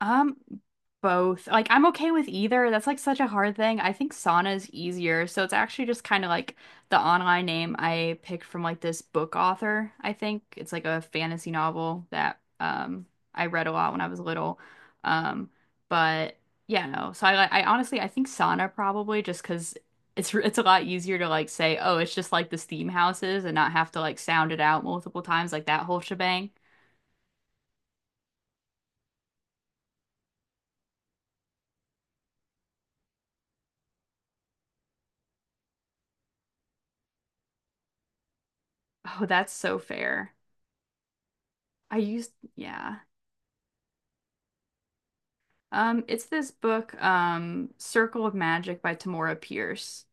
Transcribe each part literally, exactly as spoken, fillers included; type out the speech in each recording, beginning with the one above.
Um, Both. Like, I'm okay with either. That's like such a hard thing. I think sauna is easier. So it's actually just kind of like the online name I picked from like this book author, I think. It's like a fantasy novel that um I read a lot when I was little. Um, but yeah, no. So I like I honestly I think sauna probably just 'cause it's it's a lot easier to like say, "Oh, it's just like the steam houses," and not have to like sound it out multiple times like that whole shebang. Oh, that's so fair. I used, yeah. Um, it's this book, um, Circle of Magic by Tamora Pierce.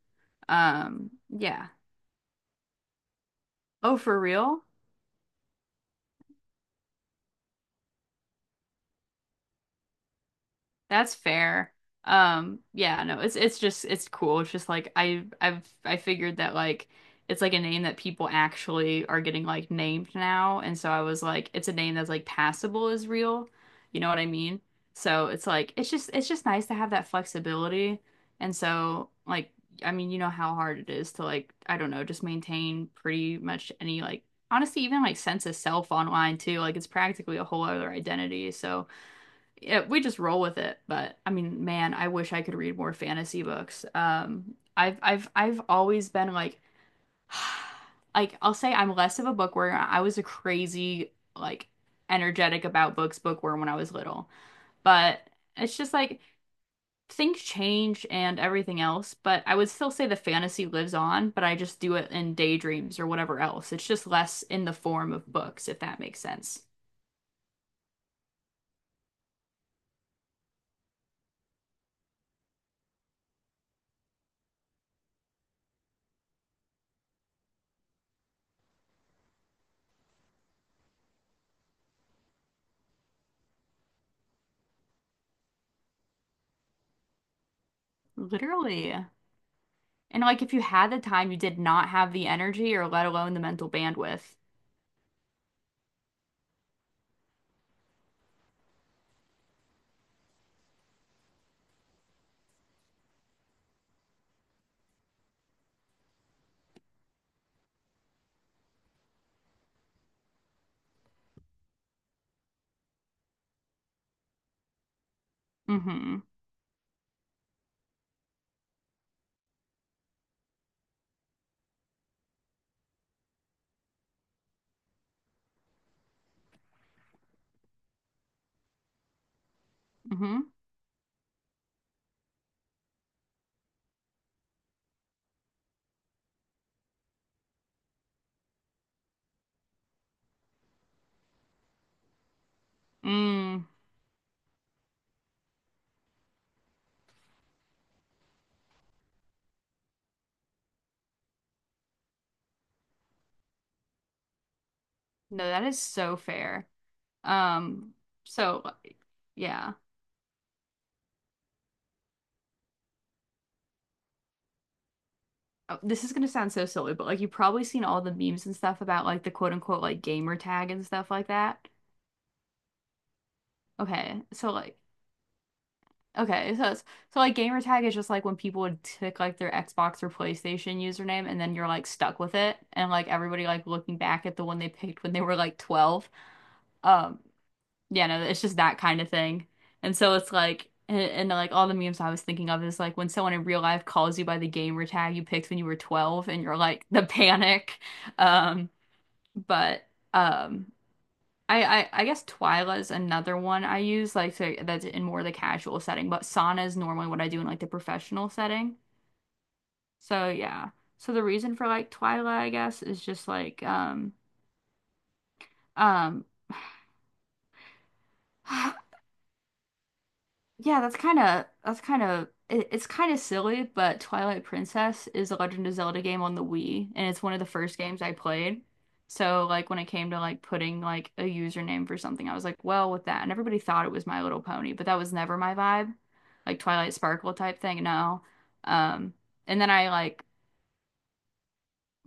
Um, yeah. Oh, for real? That's fair. Um, yeah, no, it's it's just it's cool. It's just like I I've I figured that like it's like a name that people actually are getting like named now, and so I was like, it's a name that's like passable, is real. You know what I mean? So it's like it's just it's just nice to have that flexibility. And so like I mean, you know how hard it is to, like, I don't know, just maintain pretty much any like honestly even like sense of self online too. Like it's practically a whole other identity. So yeah, we just roll with it. But I mean, man, I wish I could read more fantasy books. Um, I've I've I've always been like, like I'll say I'm less of a bookworm. I was a crazy like energetic about books bookworm when I was little. But it's just like things change and everything else. But I would still say the fantasy lives on. But I just do it in daydreams or whatever else. It's just less in the form of books, if that makes sense. Literally. And like if you had the time, you did not have the energy or let alone the mental bandwidth. Mm-hmm. Mm-hmm. Mm. No, that is so fair. Um, so yeah. Oh, this is gonna sound so silly, but like you've probably seen all the memes and stuff about like the quote unquote like gamer tag and stuff like that. Okay. So like okay, so it's, so like gamer tag is just like when people would tick like their Xbox or PlayStation username, and then you're like stuck with it and like everybody like looking back at the one they picked when they were like twelve. Um, Yeah, no, it's just that kind of thing. And so it's like, and, and like all the memes I was thinking of is like when someone in real life calls you by the gamer tag you picked when you were twelve and you're like the panic. Um, but um, I, I, I guess Twyla is another one I use like to, that's in more of the casual setting, but Sana is normally what I do in like the professional setting. So yeah. So the reason for like Twyla, I guess, is just like um um yeah, that's kind of that's kind of it, it's kind of silly, but Twilight Princess is a Legend of Zelda game on the Wii, and it's one of the first games I played. So like when it came to like putting like a username for something, I was like, well, with that, and everybody thought it was My Little Pony, but that was never my vibe, like Twilight Sparkle type thing. No, um, and then I like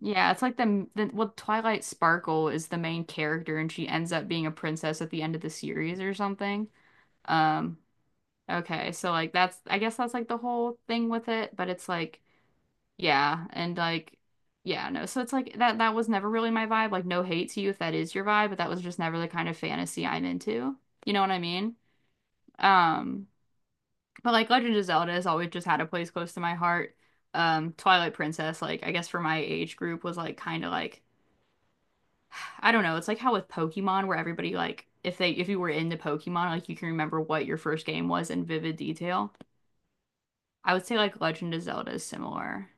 yeah, it's like the, the well Twilight Sparkle is the main character, and she ends up being a princess at the end of the series or something. Um, Okay, so like that's I guess that's like the whole thing with it, but it's like yeah, and like yeah, no. So it's like that that was never really my vibe. Like, no hate to you if that is your vibe, but that was just never the kind of fantasy I'm into. You know what I mean? Um, but like Legend of Zelda has always just had a place close to my heart. Um, Twilight Princess, like I guess for my age group was like kind of like I don't know, it's like how with Pokemon where everybody like if they if you were into Pokemon, like you can remember what your first game was in vivid detail. I would say like Legend of Zelda is similar.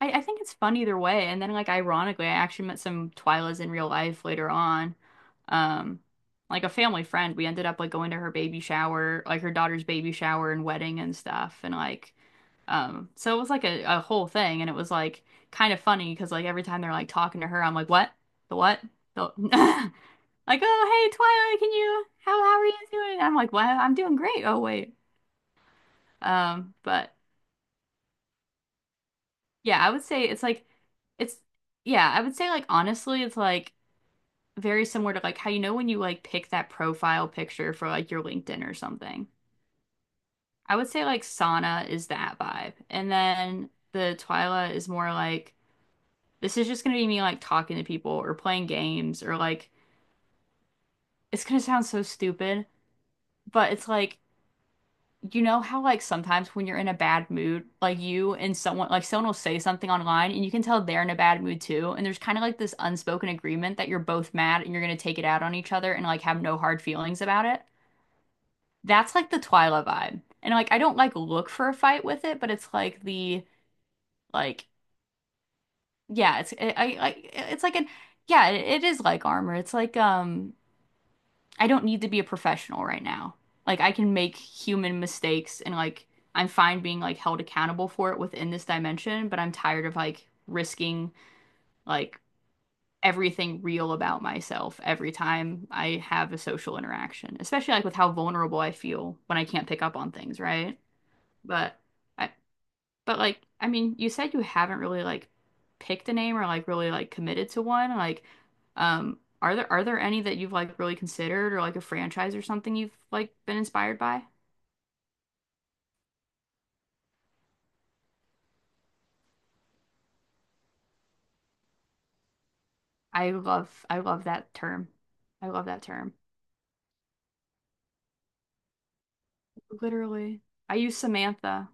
I, I think it's fun either way. And then like ironically, I actually met some Twilas in real life later on. Um, like a family friend. We ended up like going to her baby shower, like her daughter's baby shower and wedding and stuff. And like um so it was like a, a whole thing and it was like kind of funny because like every time they're like talking to her, I'm like, "What? The what? The" like, "Oh hey Twilight, can you how how are you doing?" I'm like, "Well, I'm doing great. Oh wait." Um, but yeah, I would say it's like it's yeah, I would say like honestly it's like very similar to like how you know when you like pick that profile picture for like your LinkedIn or something. I would say like sauna is that vibe. And then the Twyla is more like this is just gonna be me like talking to people or playing games or like it's gonna sound so stupid, but it's like you know how like sometimes when you're in a bad mood, like you and someone like someone will say something online and you can tell they're in a bad mood too, and there's kind of like this unspoken agreement that you're both mad and you're gonna take it out on each other and like have no hard feelings about it. That's like the Twyla vibe. And like I don't like look for a fight with it, but it's like the like yeah, it's I I it's like an yeah, it, it is like armor. It's like um I don't need to be a professional right now. Like I can make human mistakes and like I'm fine being like held accountable for it within this dimension, but I'm tired of like risking like everything real about myself every time I have a social interaction, especially like with how vulnerable I feel when I can't pick up on things, right? But I, but like, I mean, you said you haven't really like picked a name or like really like committed to one. Like, um, are there are there any that you've like really considered or like a franchise or something you've like been inspired by? I love I love that term. I love that term. Literally. I use Samantha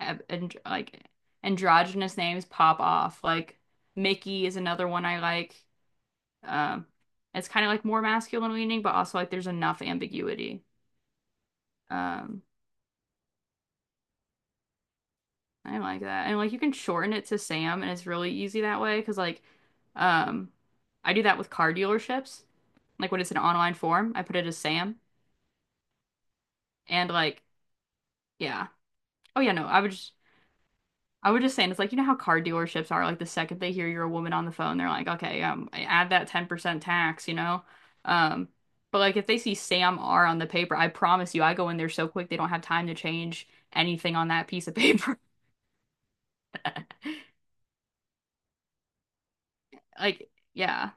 and and, like androgynous names pop off. Like Mickey is another one I like. Um, it's kind of like more masculine leaning, but also like there's enough ambiguity. Um, I like that. And like you can shorten it to Sam and it's really easy that way because like um I do that with car dealerships. Like when it's an online form, I put it as Sam and like yeah. Oh yeah, no, I would just I would just say and it's like you know how car dealerships are like the second they hear you're a woman on the phone, they're like, "Okay, um add that ten percent tax, you know?" Um but like if they see Sam R on the paper, I promise you I go in there so quick they don't have time to change anything on that piece of paper. Like yeah.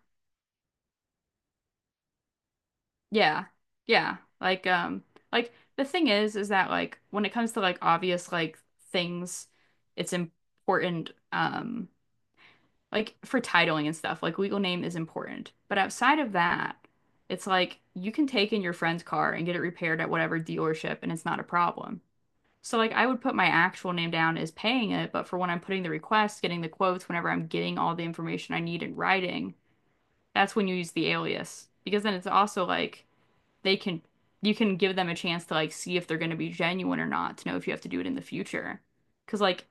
Yeah. Yeah. Like um like the thing is is that like when it comes to like obvious like things it's important um like for titling and stuff like legal name is important. But outside of that it's like you can take in your friend's car and get it repaired at whatever dealership and it's not a problem. So like I would put my actual name down as paying it, but for when I'm putting the request, getting the quotes, whenever I'm getting all the information I need in writing, that's when you use the alias because then it's also like they can you can give them a chance to like see if they're going to be genuine or not to know if you have to do it in the future, cause like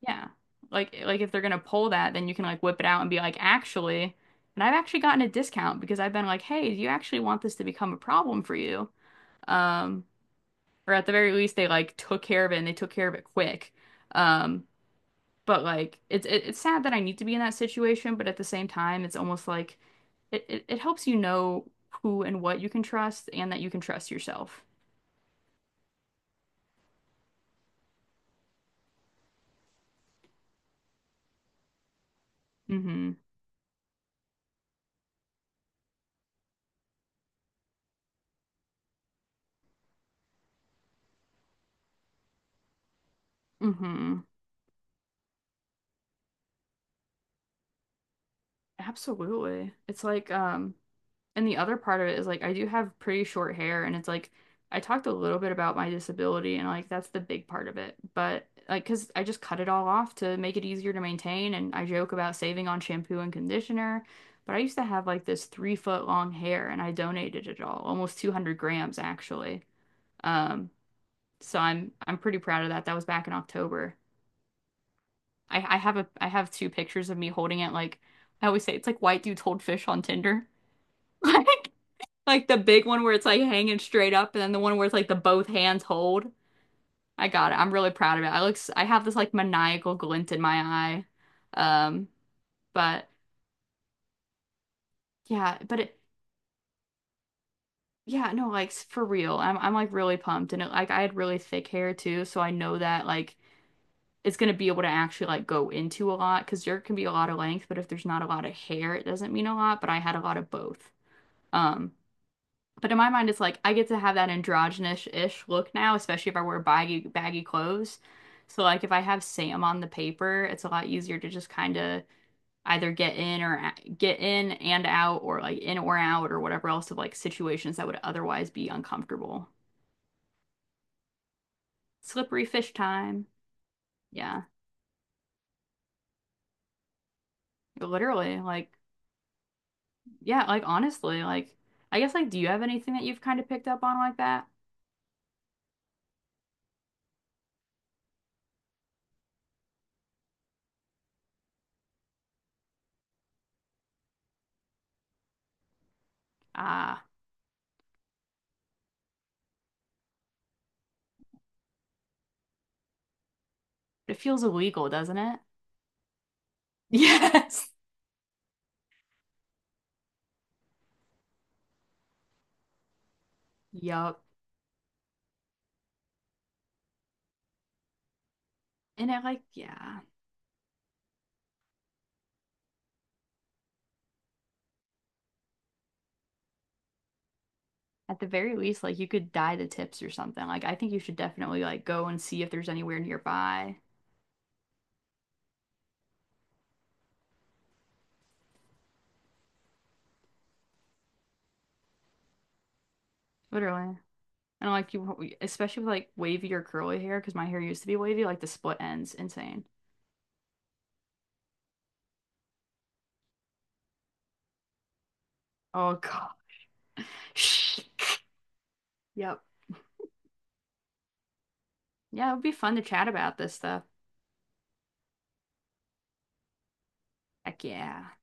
yeah, like like if they're going to pull that, then you can like whip it out and be like actually, and I've actually gotten a discount because I've been like, "Hey, do you actually want this to become a problem for you?" Um or at the very least they like took care of it and they took care of it quick. Um but like it's it, it's sad that I need to be in that situation, but at the same time it's almost like it, it, it helps you know who and what you can trust and that you can trust yourself. Hmm. Hmm. Absolutely. It's like, um, and the other part of it is like I do have pretty short hair and it's like I talked a little bit about my disability and like that's the big part of it. But like, 'cause I just cut it all off to make it easier to maintain and I joke about saving on shampoo and conditioner. But I used to have like this three foot long hair and I donated it all, almost two hundred grams actually. Um, so I'm I'm pretty proud of that. That was back in October. I, I have a I have two pictures of me holding it like I always say it's like white dudes hold fish on Tinder. Like like the big one where it's like hanging straight up and then the one where it's like the both hands hold. I got it. I'm really proud of it. I look s- I have this like maniacal glint in my eye. Um but yeah, but it yeah, no, like s- for real. I'm I'm like really pumped and it, like I had really thick hair too, so I know that like it's gonna be able to actually like go into a lot because there can be a lot of length, but if there's not a lot of hair, it doesn't mean a lot, but I had a lot of both. Um, but in my mind, it's like I get to have that androgynous-ish look now, especially if I wear baggy baggy clothes. So like if I have Sam on the paper, it's a lot easier to just kind of either get in or get in and out or like in or out or whatever else of like situations that would otherwise be uncomfortable. Slippery fish time. Yeah. Literally, like yeah, like honestly, like I guess like do you have anything that you've kind of picked up on like that? Ah, it feels illegal, doesn't it? Yes. Yup. And I like, yeah. At the very least, like you could dye the tips or something. Like I think you should definitely like go and see if there's anywhere nearby. Literally. And like you, especially with like wavy or curly hair, because my hair used to be wavy, like the split ends, insane. Oh God. Yep. Yeah, it would be fun to chat about this stuff. Heck yeah.